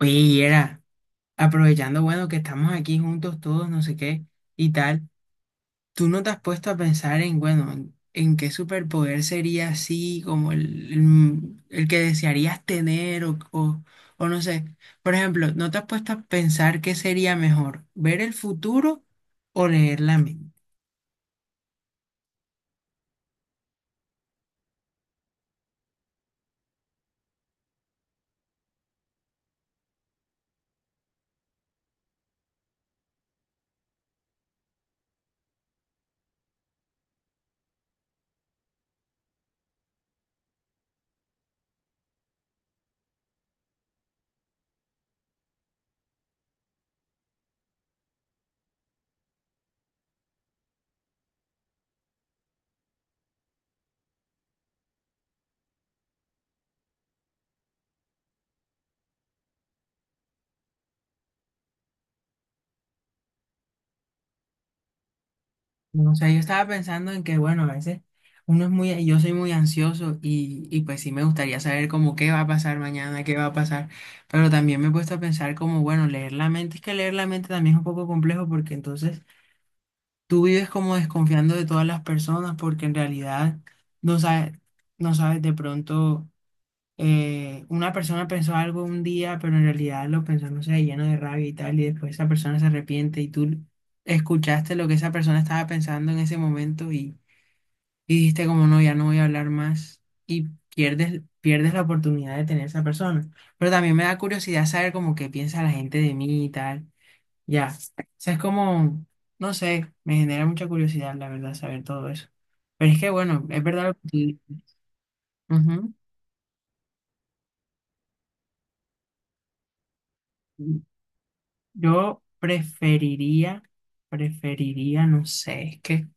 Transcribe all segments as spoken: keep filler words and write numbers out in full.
Oye, y era, aprovechando, bueno, que estamos aquí juntos todos, no sé qué, y tal, ¿tú no te has puesto a pensar en, bueno, en, en qué superpoder sería así, como el, el, el que desearías tener o, o, o no sé? Por ejemplo, ¿no te has puesto a pensar qué sería mejor, ver el futuro o leer la mente? No, o sea, yo estaba pensando en que, bueno, a veces uno es muy, yo soy muy ansioso y, y pues sí me gustaría saber como qué va a pasar mañana, qué va a pasar, pero también me he puesto a pensar como, bueno, leer la mente, es que leer la mente también es un poco complejo porque entonces tú vives como desconfiando de todas las personas porque en realidad no sabes, no sabes de pronto eh, una persona pensó algo un día, pero en realidad lo pensó, no sé, lleno de rabia y tal, y después esa persona se arrepiente y tú escuchaste lo que esa persona estaba pensando en ese momento y, y dijiste como no, ya no voy a hablar más y pierdes, pierdes la oportunidad de tener esa persona. Pero también me da curiosidad saber como qué piensa la gente de mí y tal. Ya, o sea, es como, no sé, me genera mucha curiosidad, la verdad, saber todo eso. Pero es que, bueno, es verdad lo que tú- Ujú. Yo preferiría, preferiría, no sé, es que,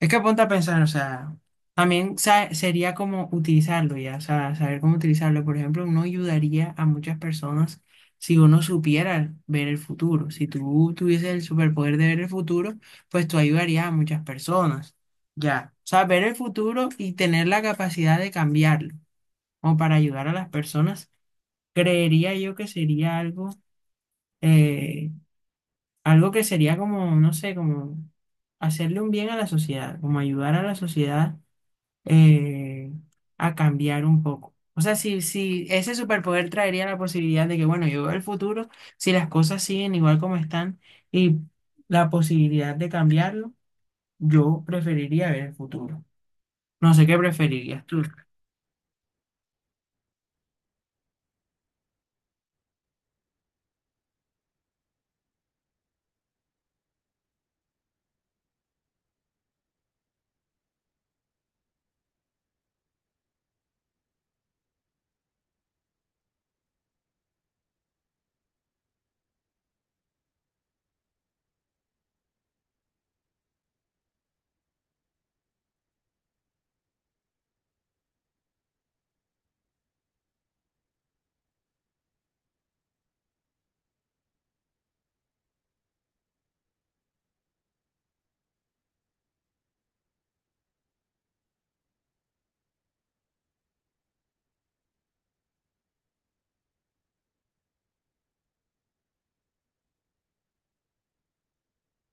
es que ponte a pensar, o sea, también sa- sería como utilizarlo ya, o sea, saber cómo utilizarlo. Por ejemplo, uno ayudaría a muchas personas si uno supiera ver el futuro. Si tú tuvieses el superpoder de ver el futuro, pues tú ayudarías a muchas personas, ya. O sea, ver el futuro y tener la capacidad de cambiarlo, o para ayudar a las personas, creería yo que sería algo, eh, algo que sería como, no sé, como hacerle un bien a la sociedad, como ayudar a la sociedad, eh, a cambiar un poco. O sea, si, si ese superpoder traería la posibilidad de que, bueno, yo veo el futuro, si las cosas siguen igual como están y la posibilidad de cambiarlo, yo preferiría ver el futuro. No sé qué preferirías tú.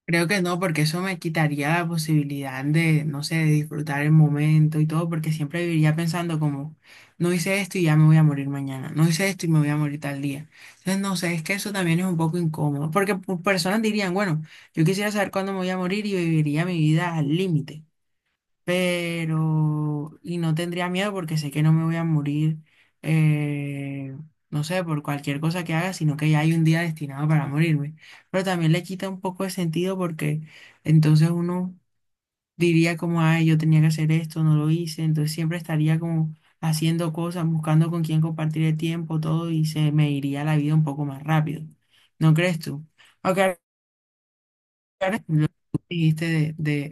Creo que no, porque eso me quitaría la posibilidad de, no sé, de disfrutar el momento y todo, porque siempre viviría pensando como, no hice esto y ya me voy a morir mañana, no hice esto y me voy a morir tal día. Entonces, no sé, es que eso también es un poco incómodo, porque pu- personas dirían, bueno, yo quisiera saber cuándo me voy a morir y viviría mi vida al límite, pero y no tendría miedo porque sé que no me voy a morir, eh, no sé, por cualquier cosa que haga, sino que ya hay un día destinado para morirme. Pero también le quita un poco de sentido porque entonces uno diría como, ay, yo tenía que hacer esto, no lo hice, entonces siempre estaría como haciendo cosas, buscando con quién compartir el tiempo, todo, y se me iría la vida un poco más rápido. ¿No crees tú? Aunque ahora- ahora lo que dijiste de, de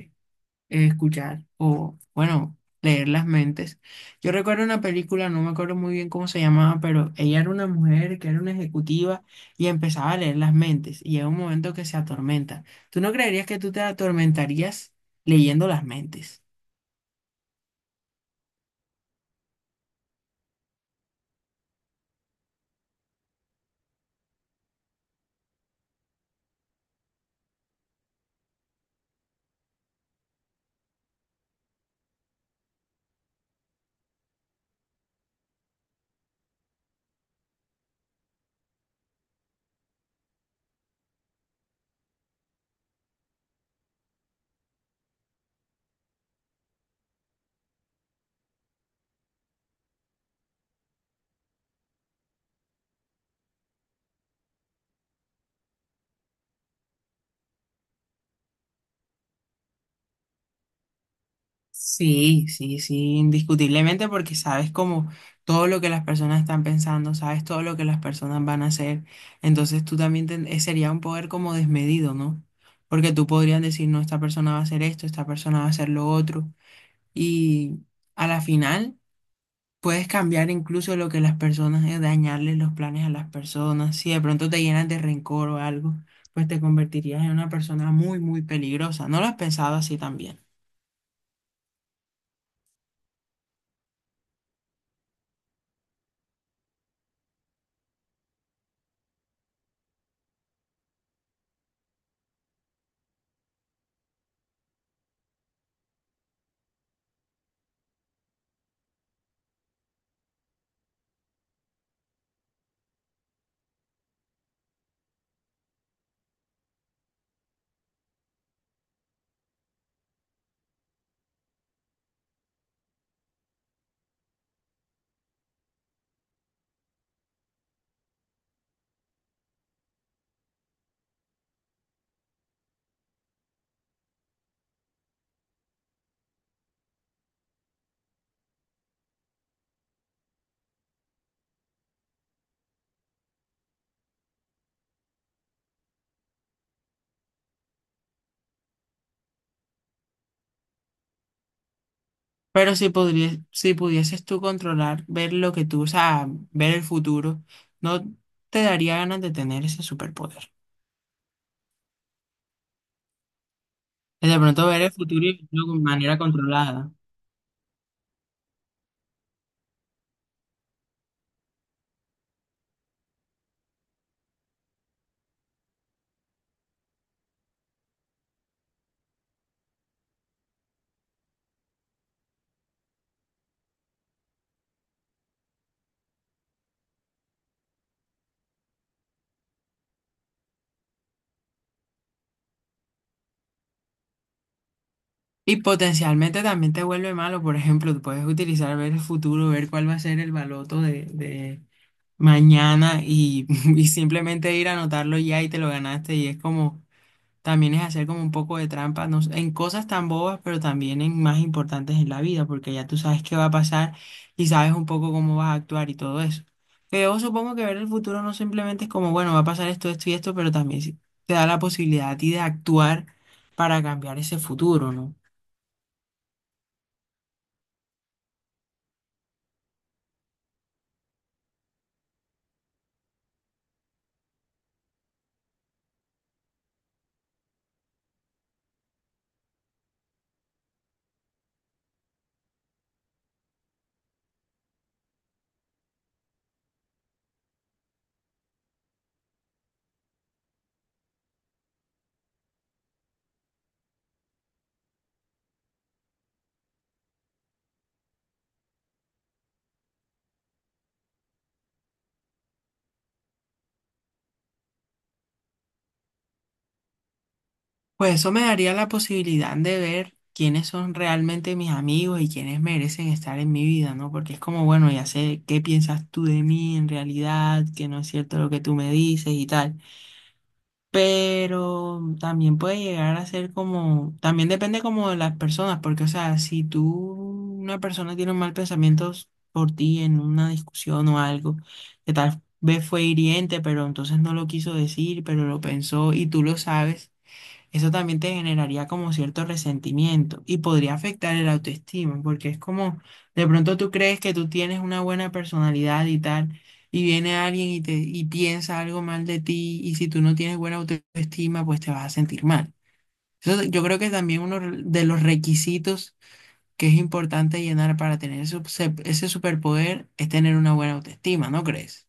eh, escuchar o, bueno, leer las mentes. Yo recuerdo una película, no me acuerdo muy bien cómo se llamaba, pero ella era una mujer que era una ejecutiva y empezaba a leer las mentes y llega un momento que se atormenta. ¿Tú no creerías que tú te atormentarías leyendo las mentes? Sí, sí, sí, indiscutiblemente, porque sabes como todo lo que las personas están pensando, sabes todo lo que las personas van a hacer, entonces tú también ten- eh, sería un poder como desmedido, ¿no? Porque tú podrías decir, no, esta persona va a hacer esto, esta persona va a hacer lo otro, y a la final puedes cambiar incluso lo que las personas, eh, dañarles los planes a las personas, si de pronto te llenas de rencor o algo, pues te convertirías en una persona muy, muy peligrosa, ¿no lo has pensado así también? Pero si podrías, si pudieses tú controlar, ver lo que tú, o sea, ver el futuro, ¿no te daría ganas de tener ese superpoder? De pronto ver el futuro y verlo de manera controlada. Y potencialmente también te vuelve malo. Por ejemplo, tú puedes utilizar ver el futuro, ver cuál va a ser el baloto de, de mañana y, y simplemente ir a anotarlo ya y te lo ganaste y es como... También es hacer como un poco de trampa, no sé, en cosas tan bobas, pero también en más importantes en la vida, porque ya tú sabes qué va a pasar y sabes un poco cómo vas a actuar y todo eso. Pero yo supongo que ver el futuro no simplemente es como, bueno, va a pasar esto, esto y esto, pero también sí te da la posibilidad a ti de actuar para cambiar ese futuro, ¿no? Pues eso me daría la posibilidad de ver quiénes son realmente mis amigos y quiénes merecen estar en mi vida, ¿no? Porque es como, bueno, ya sé qué piensas tú de mí en realidad, que no es cierto lo que tú me dices y tal. Pero también puede llegar a ser como, también depende como de las personas, porque o sea, si tú, una persona tiene un mal pensamiento por ti en una discusión o algo, que tal vez fue hiriente, pero entonces no lo quiso decir, pero lo pensó y tú lo sabes, eso también te generaría como cierto resentimiento y podría afectar el autoestima, porque es como de pronto tú crees que tú tienes una buena personalidad y tal, y viene alguien y te y piensa algo mal de ti, y si tú no tienes buena autoestima, pues te vas a sentir mal. Eso, yo creo que también uno de los requisitos que es importante llenar para tener ese, ese, superpoder es tener una buena autoestima, ¿no crees?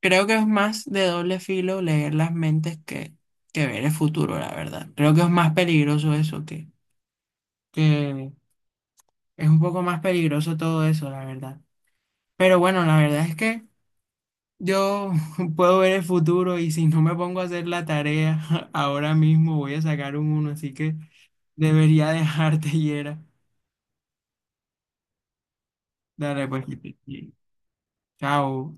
Creo que es más de doble filo leer las mentes que, que ver el futuro, la verdad. Creo que es más peligroso eso, que, que es un poco más peligroso todo eso, la verdad. Pero bueno, la verdad es que yo puedo ver el futuro y si no me pongo a hacer la tarea ahora mismo voy a sacar un uno, así que debería dejarte, Yera. Dale, pues. Chao.